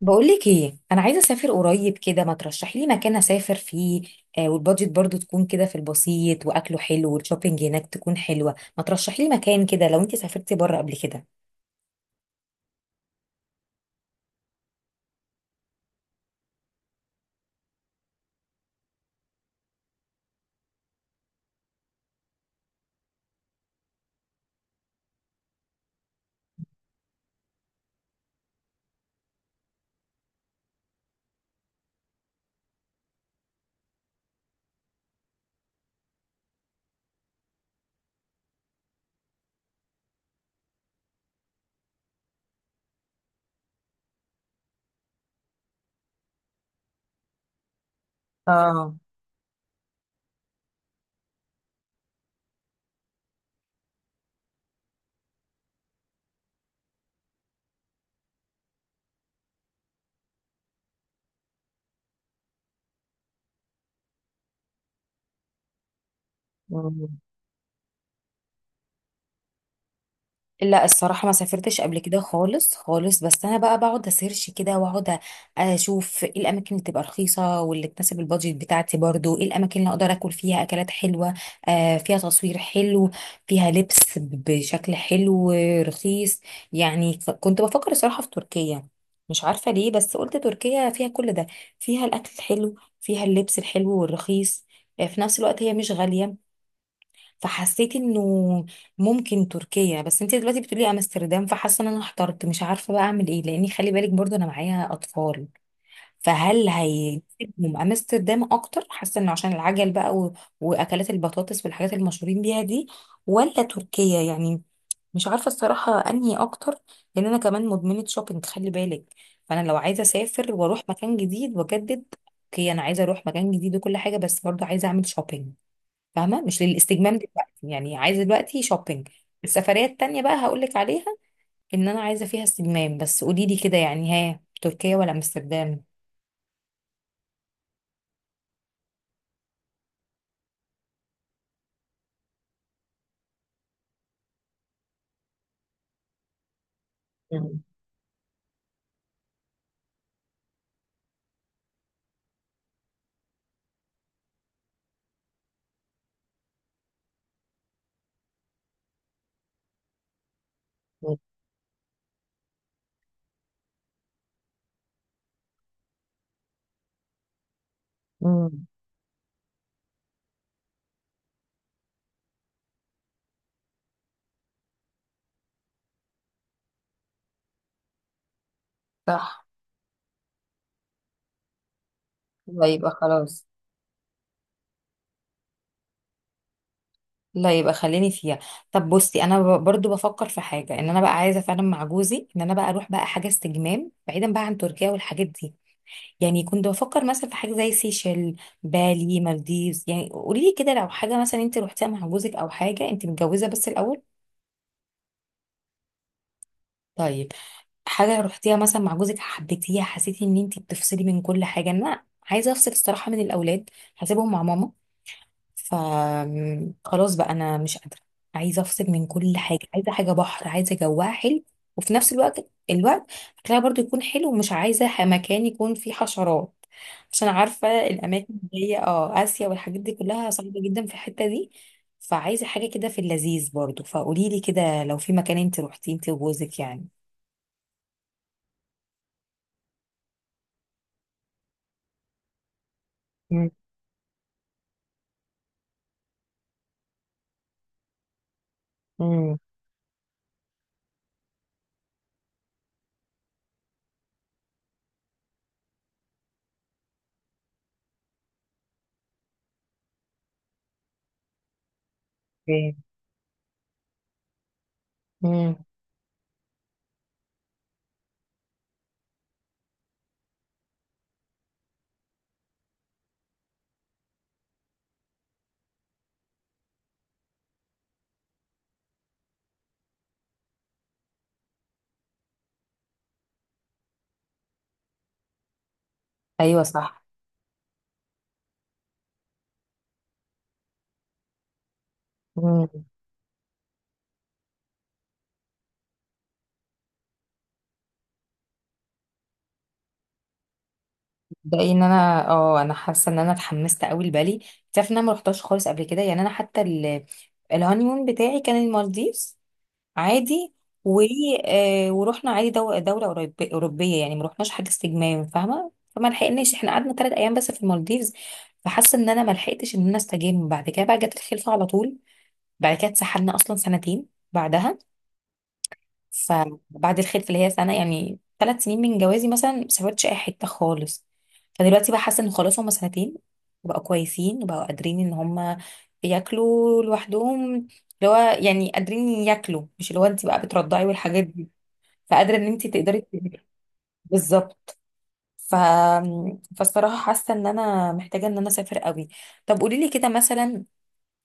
بقولك ايه، انا عايزه اسافر قريب كده. ما ترشحي لي مكان اسافر فيه. آه، والبادجت برضو تكون كده في البسيط، واكله حلو، والشوبينج هناك تكون حلوه. ما ترشحي لي مكان كده لو انت سافرتي بره قبل كده. اه لا، الصراحة ما سافرتش قبل كده خالص خالص، بس أنا بقى بقعد أسيرش كده وأقعد أشوف إيه الأماكن اللي تبقى رخيصة واللي تناسب البادجت بتاعتي، برضو إيه الأماكن اللي أقدر أكل فيها أكلات حلوة. آه، فيها تصوير حلو، فيها لبس بشكل حلو، رخيص. يعني كنت بفكر الصراحة في تركيا. مش عارفة ليه، بس قلت تركيا فيها كل ده. فيها الأكل الحلو، فيها اللبس الحلو والرخيص. آه، في نفس الوقت هي مش غالية. فحسيت انه ممكن تركيا، بس انت دلوقتي بتقولي امستردام، فحاسه ان انا احترت، مش عارفه بقى اعمل ايه، لاني خلي بالك برضو انا معايا اطفال. فهل هيسيبهم امستردام اكتر؟ حاسه انه عشان العجل بقى واكلات البطاطس والحاجات المشهورين بيها دي، ولا تركيا يعني؟ مش عارفه الصراحه انهي اكتر. لان انا كمان مدمنه شوبينج، خلي بالك. فانا لو عايزه اسافر واروح مكان جديد واجدد، اوكي انا عايزه اروح مكان جديد وكل حاجه، بس برضو عايزه اعمل شوبينج. فاهمه؟ مش للاستجمام دلوقتي، يعني عايزه دلوقتي شوبينج. السفريه التانية بقى هقول لك عليها، ان انا عايزه فيها استجمام. بس قولي لي كده يعني، ها، تركيا ولا امستردام؟ مم. مم. صح. لا يبقى خلاص. لا يبقى خليني فيها. طب بصي، انا برضو بفكر في حاجه، ان انا بقى عايزه فعلا مع جوزي، ان انا بقى اروح بقى حاجه استجمام بعيدا بقى عن تركيا والحاجات دي. يعني كنت بفكر مثلا في حاجه زي سيشل، بالي، مالديفز. يعني قولي لي كده لو حاجه مثلا انت روحتيها مع جوزك، او حاجه انت متجوزه بس الاول. طيب، حاجة رحتيها مثلا مع جوزك حبيتيها، حسيتي ان انتي بتفصلي من كل حاجة. انا عايزة افصل الصراحة من الاولاد، هسيبهم مع ماما. ف خلاص بقى انا مش قادرة. عايزة افصل من كل حاجة، عايزة حاجة بحر، عايزة جواها حلو، وفي نفس الوقت اكلها برضو يكون حلو، ومش عايزة مكان يكون فيه حشرات، عشان عارفة الاماكن اللي هي اه اسيا والحاجات دي كلها صعبة جدا في الحتة دي. فعايزة حاجة كده في اللذيذ برضو. فقوليلي كده لو في مكان انت روحتي انت وجوزك يعني. امم. اوكي. امم. ايوه صح. امم. ده ان انا اه انا حاسه ان انا اتحمست قوي لبالي. تعرف ان انا ما رحتهاش خالص قبل كده، يعني انا حتى الهانيمون بتاعي كان المالديفز. عادي. و آه ورحنا عادي دوله اوروبيه، يعني ما رحناش حاجه استجمام، فاهمه؟ فما لحقناش، احنا قعدنا 3 ايام بس في المالديفز. فحاسه ان انا ما لحقتش ان انا استجم، بعد كده بقى جت الخلفه على طول. بعد كده اتسحلنا اصلا سنتين بعدها. فبعد الخلفه، اللي هي سنه، يعني 3 سنين من جوازي مثلا ما سافرتش اي حته خالص. فدلوقتي بقى حاسه ان خلاص هما سنتين، بقوا كويسين وبقوا قادرين ان هما ياكلوا لوحدهم، اللي هو يعني قادرين ياكلوا، مش اللي هو انت بقى بترضعي والحاجات دي. فقادره ان انت تقدري بالظبط. ف... فالصراحه حاسه ان انا محتاجه ان انا اسافر قوي. طب قولي لي كده مثلا،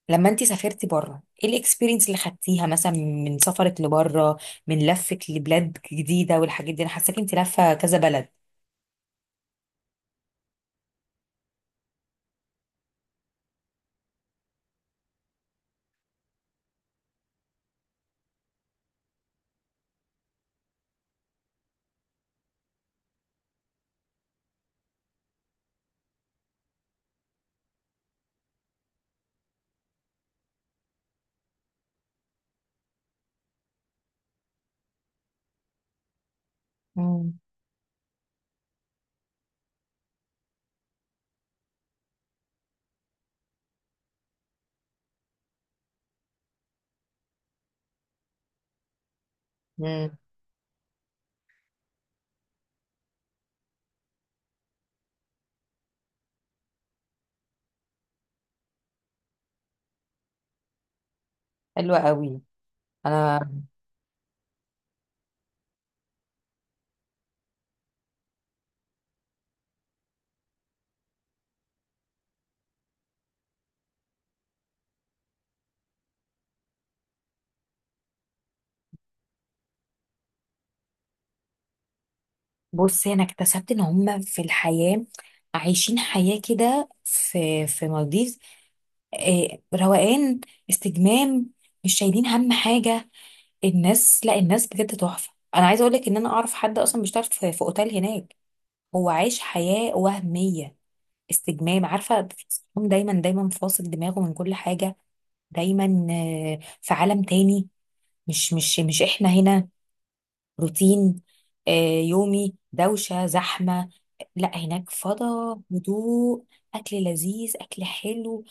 لما انت سافرتي بره، ايه الاكسبيرينس اللي خدتيها مثلا من سفرك لبره؟ من لفك لبلاد جديده والحاجات دي، انا حاساكي انت لفه كذا بلد. مم. امم. حلوه قوي. انا بصي انا اكتسبت ان هم في الحياه عايشين حياه كده، في مالديف، آه، روقان، استجمام، مش شايلين هم حاجه. الناس، لا، الناس بجد تحفه. انا عايزه اقول لك ان انا اعرف حد اصلا بيشتغل في اوتيل هناك، هو عايش حياه وهميه، استجمام. عارفة تحسهم دايما دايما فاصل دماغه من كل حاجة؟ دايما آه، في عالم تاني، مش احنا هنا، روتين، آه، يومي، دوشة، زحمة. لا هناك فضاء، هدوء، أكل لذيذ، أكل حلو،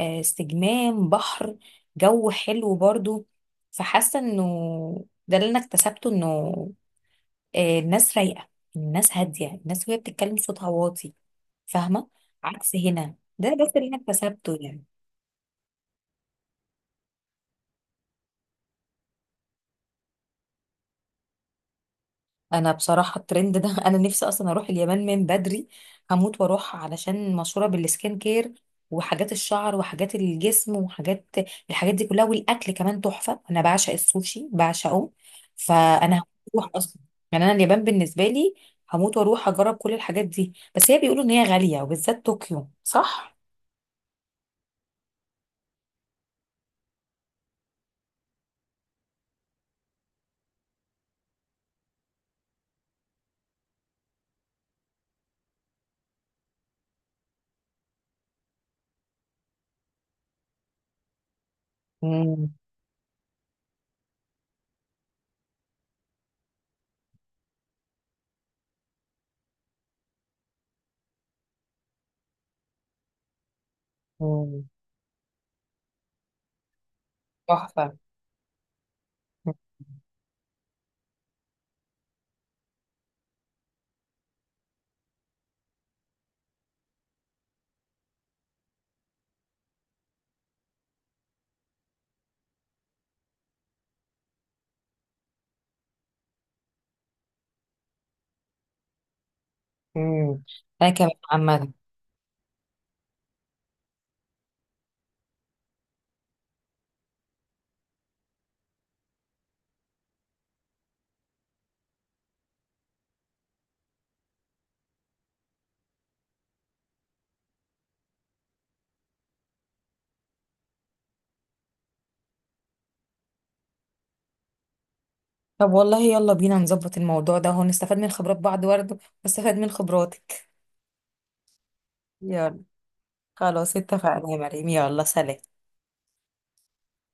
آه، استجمام، بحر، جو حلو برضو. فحاسة انه ده اللي انا اكتسبته، انه آه، الناس رايقة، الناس هادية، الناس وهي بتتكلم صوتها واطي، فاهمة؟ عكس هنا. ده بس اللي انا اكتسبته يعني. انا بصراحة الترند ده انا نفسي اصلا اروح اليابان من بدري. هموت واروح، علشان مشهورة بالسكين كير، وحاجات الشعر، وحاجات الجسم، وحاجات. الحاجات دي كلها، والاكل كمان تحفة، انا بعشق السوشي، بعشقه. فانا هموت واروح اصلا. يعني انا اليابان بالنسبة لي، هموت واروح اجرب كل الحاجات دي. بس هي بيقولوا ان هي غالية، وبالذات طوكيو، صح؟ مم. تحفة. مم. أنا كمان عامة. طب والله يلا بينا نظبط الموضوع ده، هو نستفاد من خبرات بعض برضه، واستفاد من خبراتك. يلا. خلاص اتفقنا يا مريم، يلا سلام.